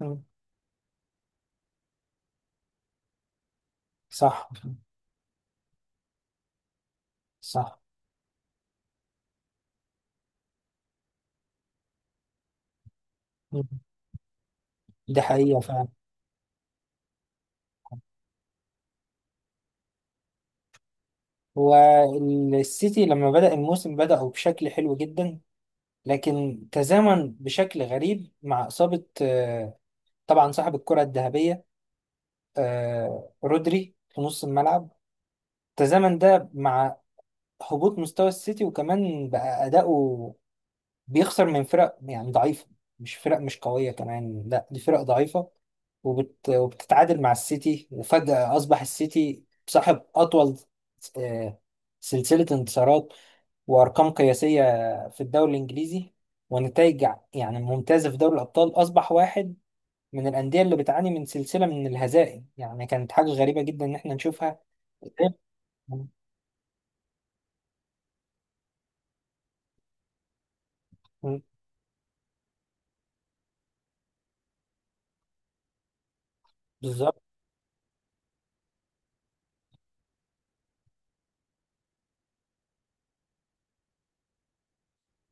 مم. صح، صح. مم. ده حقيقة فعلا. والسيتي لما بدأ الموسم بدأوا بشكل حلو جدا، لكن تزامن بشكل غريب مع إصابة طبعا صاحب الكرة الذهبية، رودري في نص الملعب. تزامن ده مع هبوط مستوى السيتي، وكمان بقى أداؤه بيخسر من فرق يعني ضعيفة، مش فرق مش قوية كمان، لا دي فرق ضعيفة. وبتتعادل مع السيتي، وفجأة أصبح السيتي صاحب أطول آه، سلسلة انتصارات وأرقام قياسية في الدوري الإنجليزي، ونتائج يعني ممتازة في دوري الأبطال. أصبح واحد من الأندية اللي بتعاني من سلسلة من الهزائم، يعني كانت حاجة غريبة جدا إن إحنا نشوفها. م- م- بالظبط.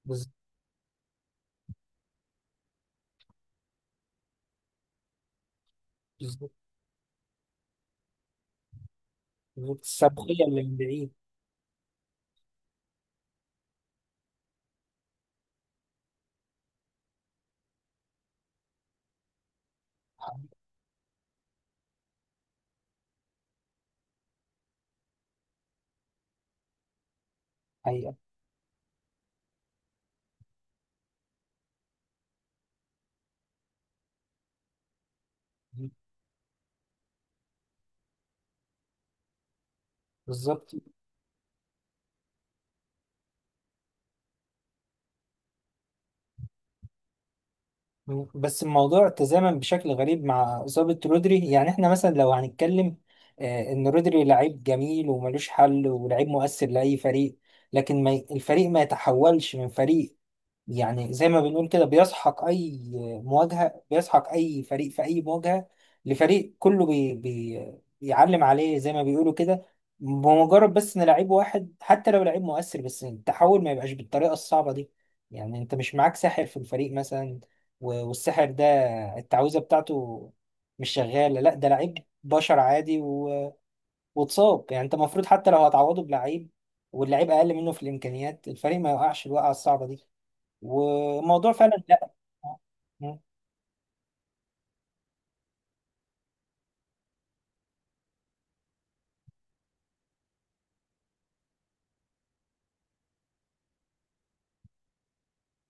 بالظبط. بالظبط. بالظبط. السبقية اللي من بعيد. حقيقة. بالظبط. بس الموضوع تزامن بشكل غريب مع إصابة رودري. يعني احنا مثلا لو هنتكلم، إن رودري لعيب جميل وملوش حل ولعيب مؤثر لأي فريق. لكن ما ي- الفريق ما يتحولش من فريق، يعني زي ما بنقول كده بيسحق اي مواجهه، بيسحق اي فريق في اي مواجهه، لفريق كله بي بيعلم عليه زي ما بيقولوا كده، بمجرد بس ان لعيب واحد حتى لو لعيب مؤثر. بس التحول ما يبقاش بالطريقه الصعبه دي. يعني انت مش معاك ساحر في الفريق مثلا، والساحر ده التعويذه بتاعته مش شغاله، لا ده لعيب بشر عادي واتصاب. يعني انت المفروض حتى لو هتعوضه بلعيب، واللعيب اقل منه في الامكانيات، الفريق ما يوقعش الوقعه الصعبه دي. وموضوع فعلا لا. مم.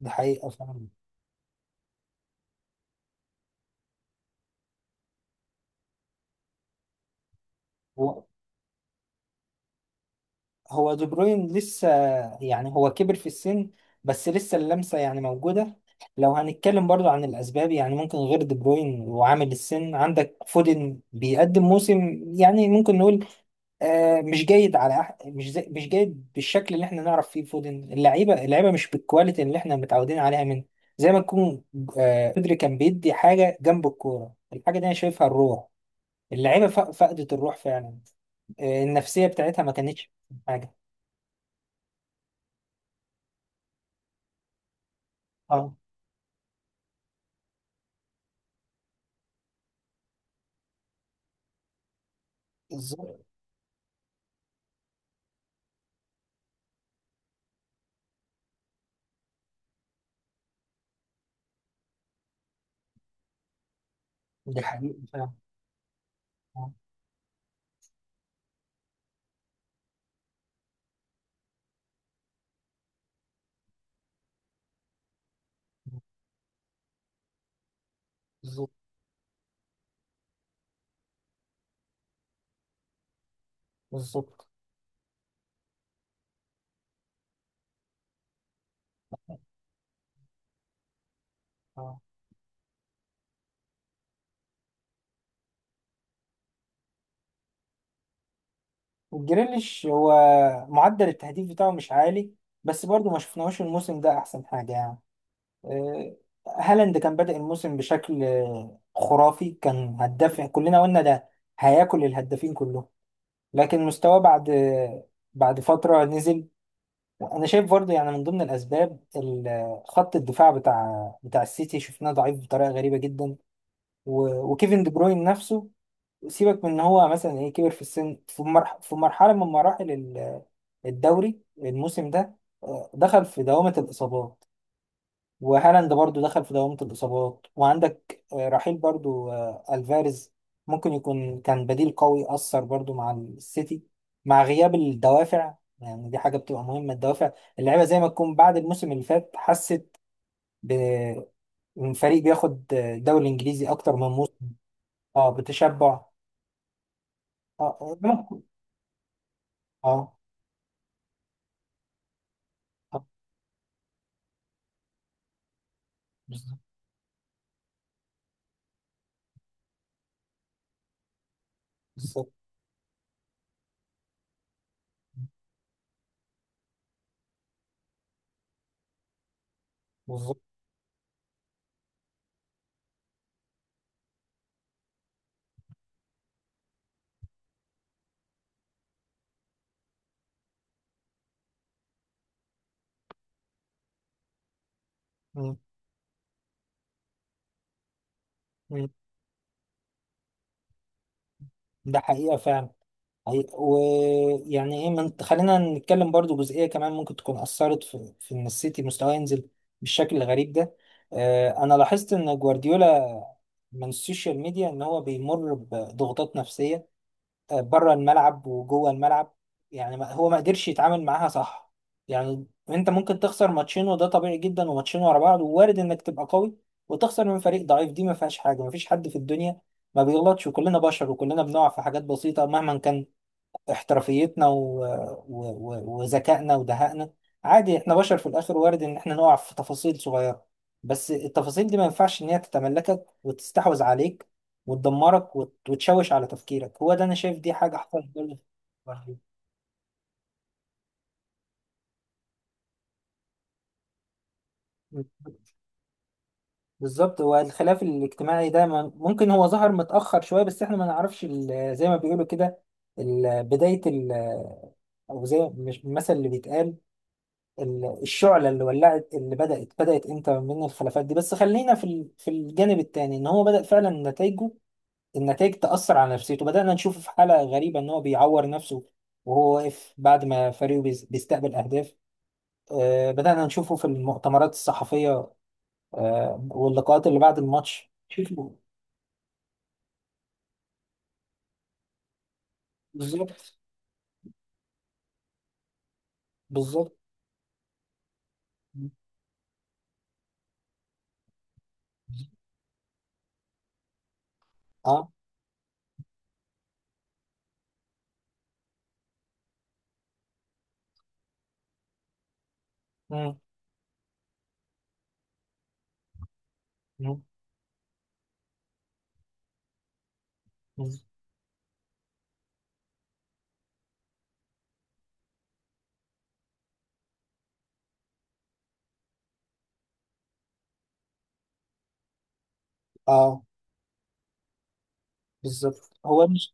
ده حقيقة فعلا. هو هو دي بروين لسه، يعني هو كبر في السن، بس لسه اللمسة يعني موجودة. لو هنتكلم برضو عن الأسباب، يعني ممكن غير دي بروين وعامل السن عندك فودن بيقدم موسم يعني ممكن نقول آه مش جيد، على مش زي مش جيد بالشكل اللي احنا نعرف فيه فودن. اللعيبة اللعيبة مش بالكواليتي اللي احنا متعودين عليها منه. زي ما تكون آه بدري كان بيدي حاجة جنب الكورة، الحاجة دي أنا شايفها الروح. اللعيبه فقدت الروح فعلا. النفسيه بتاعتها ما كانتش حاجه. اه، بالظبط. دي حقيقه فعلا. آه، بالظبط. بالظبط. اه. وجريليش هو معدل التهديف بتاعه مش عالي، بس برضه ما شفناهوش الموسم ده احسن حاجه يعني. آه، هالاند كان بادئ الموسم بشكل خرافي، كان هداف، كلنا قلنا ده هياكل الهدافين كلهم. لكن مستواه بعد فتره نزل. انا شايف برضه، يعني من ضمن الاسباب خط الدفاع بتاع السيتي شفناه ضعيف بطريقه غريبه جدا. وكيفن دي بروين نفسه، سيبك من ان هو مثلا ايه كبر في السن، في مرحله من مراحل الدوري الموسم ده دخل في دوامه الاصابات. وهالاند برضو دخل في دوامة الإصابات. وعندك رحيل برضو ألفاريز، ممكن يكون كان بديل قوي أثر برضو مع السيتي. مع غياب الدوافع، يعني دي حاجة بتبقى مهمة، الدوافع. اللعيبة زي ما تكون بعد الموسم اللي فات حست بفريق بياخد الدوري الإنجليزي أكتر من موسم. اه، بتشبع. اه. اه. آه، آه، بالظبط. بالظبط. بالظبط. مم، مم. ده حقيقة فعلا. ويعني ايه خلينا نتكلم برضو جزئية كمان ممكن تكون أثرت في، في إن السيتي مستواه ينزل بالشكل الغريب ده. أنا لاحظت إن جوارديولا من السوشيال ميديا إن هو بيمر بضغوطات نفسية بره الملعب وجوه الملعب. يعني هو ما قدرش يتعامل معاها صح. يعني أنت ممكن تخسر ماتشين وده طبيعي جدا، وماتشين ورا بعض ووارد إنك تبقى قوي وتخسر من فريق ضعيف، دي ما فيهاش حاجة. ما فيش حد في الدنيا ما بيغلطش، وكلنا بشر، وكلنا بنقع في حاجات بسيطة مهما كان احترافيتنا وذكائنا ودهائنا. عادي احنا بشر في الاخر، وارد ان احنا نقع في تفاصيل صغيرة. بس التفاصيل دي ما ينفعش ان هي تتملكك وتستحوذ عليك وتدمرك وتشوش على تفكيرك. هو ده انا شايف، دي حاجة حصلت برضه. في- بالظبط. هو الخلاف الاجتماعي ده ممكن هو ظهر متأخر شوية، بس احنا ما نعرفش زي ما بيقولوا كده بداية او زي مش المثل اللي بيتقال الشعلة اللي ولعت اللي بدأت امتى من الخلافات دي. بس خلينا في في الجانب التاني، ان هو بدأ فعلا نتائجه، النتائج تأثر على نفسيته. بدأنا نشوفه في حالة غريبة ان هو بيعور نفسه وهو واقف بعد ما فريقه بيستقبل أهداف. بدأنا نشوفه في المؤتمرات الصحفية واللقاءات اللي بعد الماتش شوفوا. بالظبط. بالظبط. اه. مم. مم. مم. اه، بالظبط. هو مش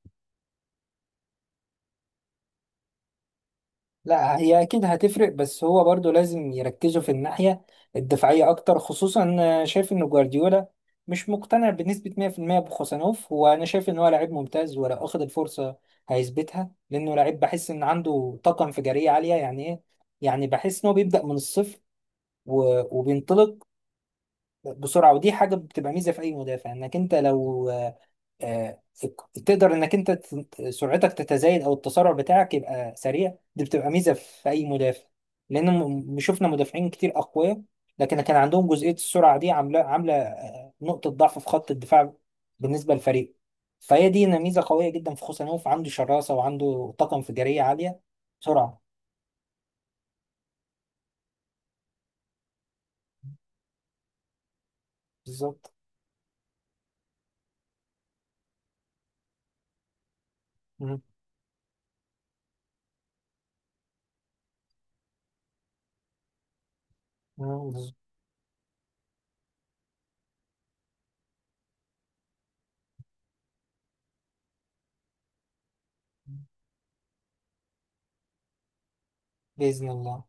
لا، هي اكيد هتفرق، بس هو برضو لازم يركزوا في الناحية الدفاعية اكتر. خصوصا أنا شايف ان جوارديولا مش مقتنع بنسبة 100% بخوسانوف، وانا شايف ان هو لعيب ممتاز، ولو اخد الفرصة هيثبتها، لانه لعيب بحس ان عنده طاقة انفجارية عالية. يعني ايه؟ يعني بحس ان هو بيبدأ من الصفر وبينطلق بسرعة. ودي حاجة بتبقى ميزة في اي مدافع، انك انت لو آه، تقدر انك انت سرعتك تتزايد او التسارع بتاعك يبقى سريع، دي بتبقى ميزه في اي مدافع. لان شفنا مدافعين كتير اقوياء، لكن كان عندهم جزئيه السرعه دي عامله نقطه ضعف في خط الدفاع بالنسبه للفريق. فهي دي إن ميزه قويه جدا في خوسانوف، عنده شراسه وعنده طاقه انفجاريه عاليه. سرعه. بالظبط. مم. مم. باذن الله.